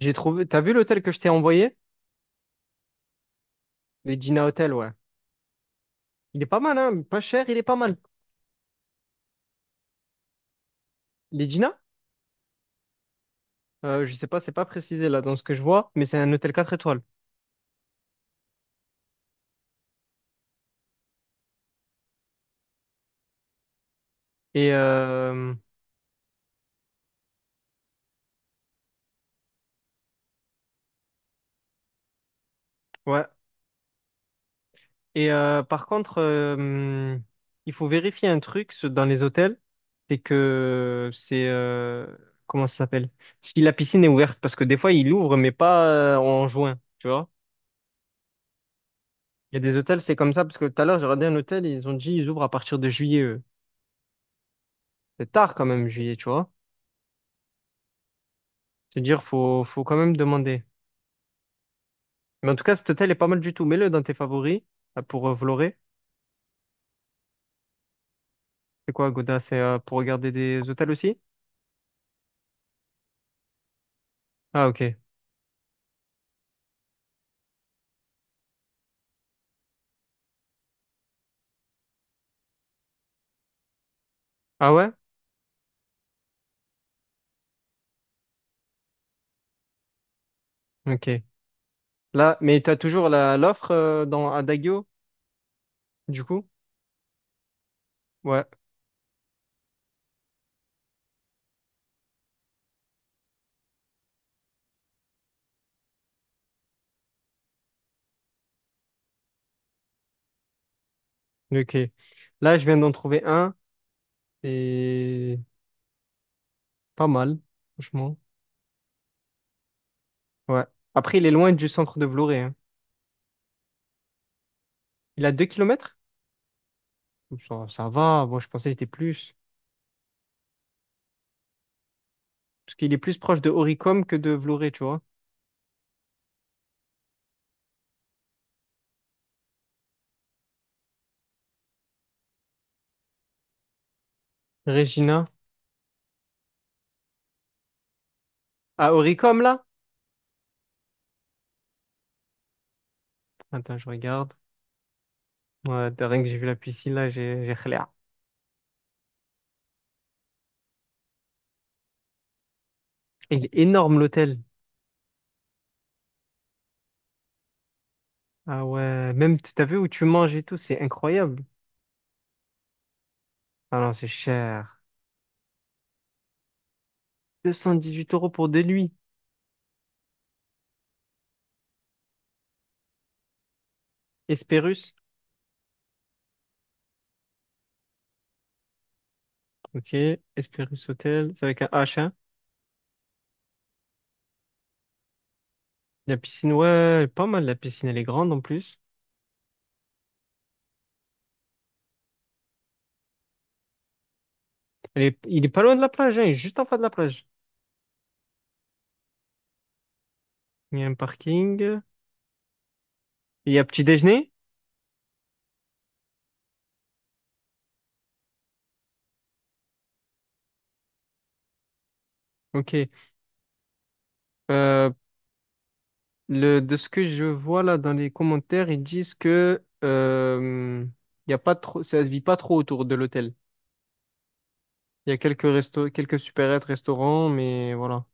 J'ai trouvé. T'as vu l'hôtel que je t'ai envoyé? L'Edina Hotel, ouais. Il est pas mal, hein? Pas cher, il est pas mal. L'Edina. Je sais pas, c'est pas précisé là dans ce que je vois, mais c'est un hôtel 4 étoiles. Et euh, ouais. Par contre, il faut vérifier un truc dans les hôtels, c'est que c'est, comment ça s'appelle? Si la piscine est ouverte, parce que des fois ils l'ouvrent, mais pas, en juin, tu vois? Il y a des hôtels, c'est comme ça, parce que tout à l'heure j'ai regardé un hôtel, ils ont dit ils ouvrent à partir de juillet, eux. C'est tard quand même, juillet, tu vois? C'est-à-dire, faut quand même demander. Mais en tout cas, cet hôtel est pas mal du tout. Mets-le dans tes favoris, pour, Vloré. C'est quoi, Goda? C'est, pour regarder des hôtels aussi? Ah, ok. Ah ouais? Ok. Là, mais t'as toujours la, l'offre, dans Adagio, du coup? Ouais. Ok. Là, je viens d'en trouver un. C'est pas mal, franchement. Ouais. Après, il est loin du centre de Vloré, hein. Il a 2 kilomètres. Ça, ça va. Moi, je pensais qu'il était plus. Parce qu'il est plus proche de Oricom que de Vloré, tu vois. Regina. Ah, Oricom, là? Attends, je regarde. Ouais, de rien que j'ai vu la piscine, là, j'ai khléa. Il est énorme, l'hôtel. Ah ouais, même, t'as vu où tu manges et tout, c'est incroyable. Ah non, c'est cher. 218 euros pour deux nuits. Hesperus. Ok, Hesperus Hôtel. C'est avec un H, hein. La piscine, ouais, elle est pas mal. La piscine, elle est grande en plus. Il est pas loin de la plage, hein. Il est juste en face de la plage. Il y a un parking. Il y a petit déjeuner. Ok. Euh, de ce que je vois là dans les commentaires, ils disent que, y a pas trop, ça se vit pas trop autour de l'hôtel. Il y a quelques restos, quelques supérettes, restaurants, mais voilà,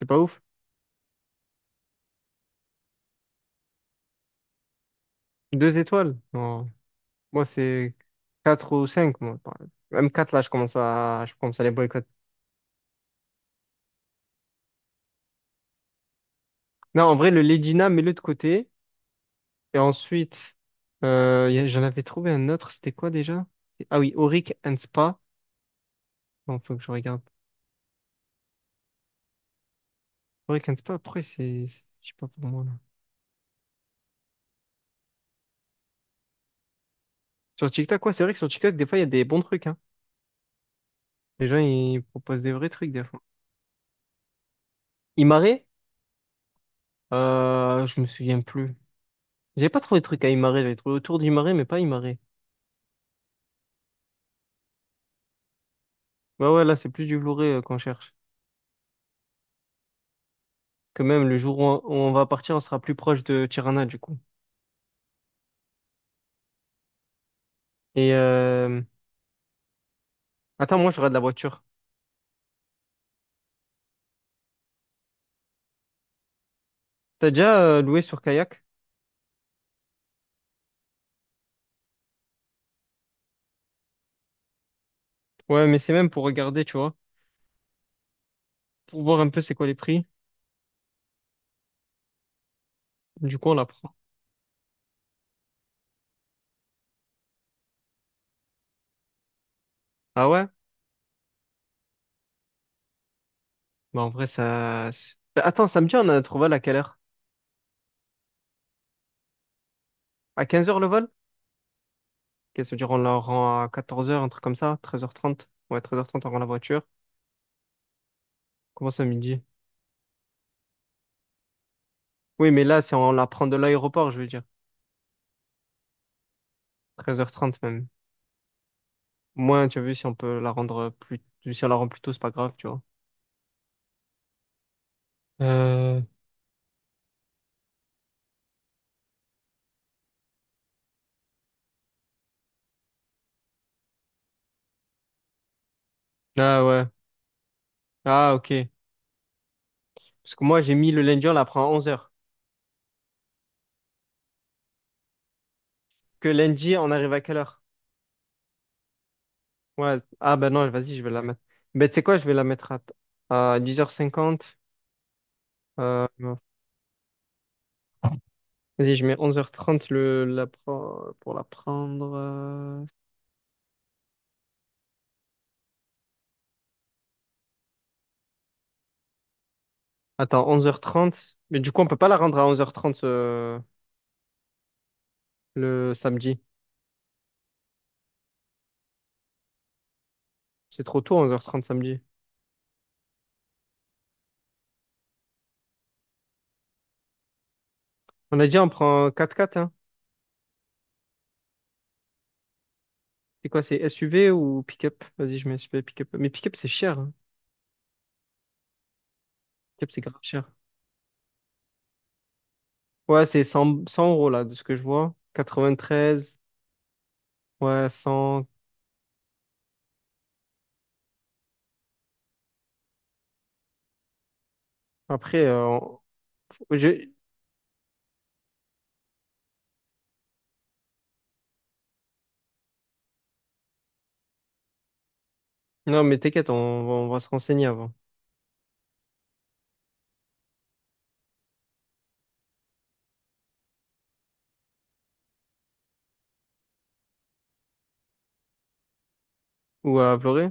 c'est pas ouf. 2 étoiles? Non. Moi, c'est 4 ou 5, moi. Même quatre là, je commence à les boycotter. Non, en vrai, le Legina, mets-le de côté. Et ensuite, j'en avais trouvé un autre. C'était quoi déjà? Ah oui, Auric and Spa. Non, faut que je regarde. Auric and Spa, après, c'est, je sais pas pour moi. Sur TikTok, ouais, c'est vrai que sur TikTok, des fois, il y a des bons trucs, hein. Les gens, ils proposent des vrais trucs, des fois. Imare, je me souviens plus. J'avais pas trouvé de trucs à Imare, j'avais trouvé autour d'Imare, mais pas Imare. Ouais, ouais, là, c'est plus du Vloré, qu'on cherche. Que même le jour où on va partir, on sera plus proche de Tirana, du coup. Et attends, moi, j'aurai de la voiture. T'as déjà, loué sur Kayak? Ouais, mais c'est même pour regarder, tu vois, pour voir un peu c'est quoi les prix. Du coup, on la prend. Ah ouais? Bah, en vrai, ça. Bah, attends, samedi, on a trouvé à quelle heure? À 15 heures le vol? Qu'est-ce que ça veut dire, on la rend à 14 heures, un truc comme ça, 13h30. Ouais, 13h30, on rend la voiture. Comment ça, midi? Oui, mais là, c'est on la prend de l'aéroport, je veux dire. 13h30 même. Moins, tu as vu, si on peut la rendre plus, si on la rend plus tôt, c'est pas grave, tu vois. Euh... Ah ouais. Ah, ok. Parce que moi, j'ai mis le lundi, on la prend à 11 heures. Que lundi, on arrive à quelle heure? Ouais. Ah, ben non, vas-y, je vais la mettre. Ben, tu sais quoi, je vais la mettre à 10h50. Euh... Vas-y, je mets 11h30 pour la prendre. Attends, 11h30. Mais du coup, on peut pas la rendre à 11h30, le samedi. C'est trop tôt, 11h30 samedi. On a dit on prend un quatre x, hein. C'est quoi, c'est SUV ou pick-up? Vas-y, je mets SUV, pick-up. Mais pick-up, c'est cher, hein. Pick-up, c'est grave cher. Ouais, c'est cent euros, là, de ce que je vois. 93, ouais, 100. Après, je- non, mais t'inquiète, on va se renseigner avant. Ou à Vloré.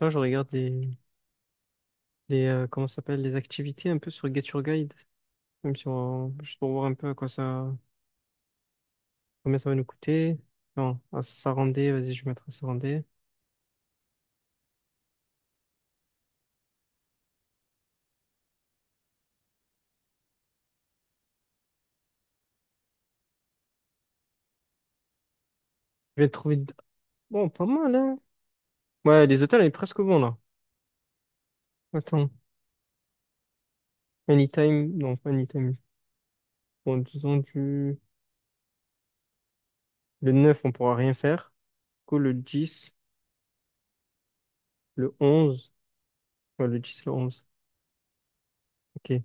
Là, je regarde les, comment ça s'appelle, les activités un peu sur Get Your Guide. Même si on, juste pour voir un peu à quoi ça. Combien ça va nous coûter? Non, à Sarandé, vas-y, je vais mettre à Sarandé. Je vais trouver. Bon, pas mal, hein? Ouais, les hôtels, elle est presque bon, là. Attends. Anytime. Non, pas Anytime. Bon, disons du. Le 9 on pourra rien faire. Du coup, le 10, le 11. Ouais, le 10, le 11. Ok.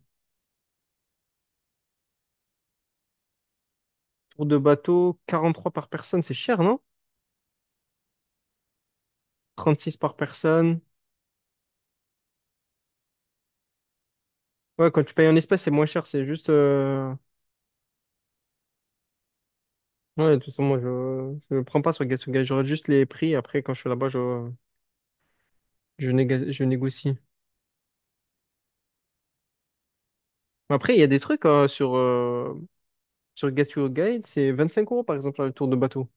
Tour de bateau, trois par personne, c'est cher, non? 36 par personne. Ouais, quand tu payes en espèces, c'est moins cher. C'est juste. Ouais, tout ça, moi, je prends pas sur Gatsugai. J'aurais juste les prix. Après, quand je suis là-bas, je négocie. Mais après, il y a des trucs, sur Gatsugai. C'est 25 euros, par exemple, le tour de bateau.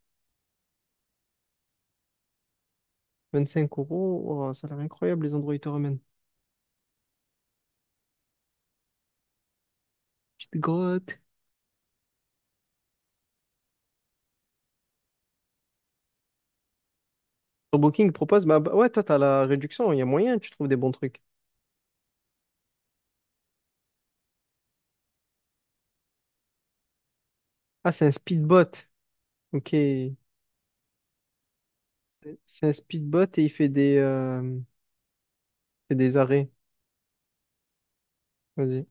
25 euros, oh, ça a l'air incroyable, les endroits où ils te ramènent. Petite grotte. Sur Booking propose, bah, bah, ouais, toi, t'as la réduction. Il y a moyen, tu trouves des bons trucs. Ah, c'est un speedbot. Ok. C'est un speedbot et il fait des arrêts. Vas-y.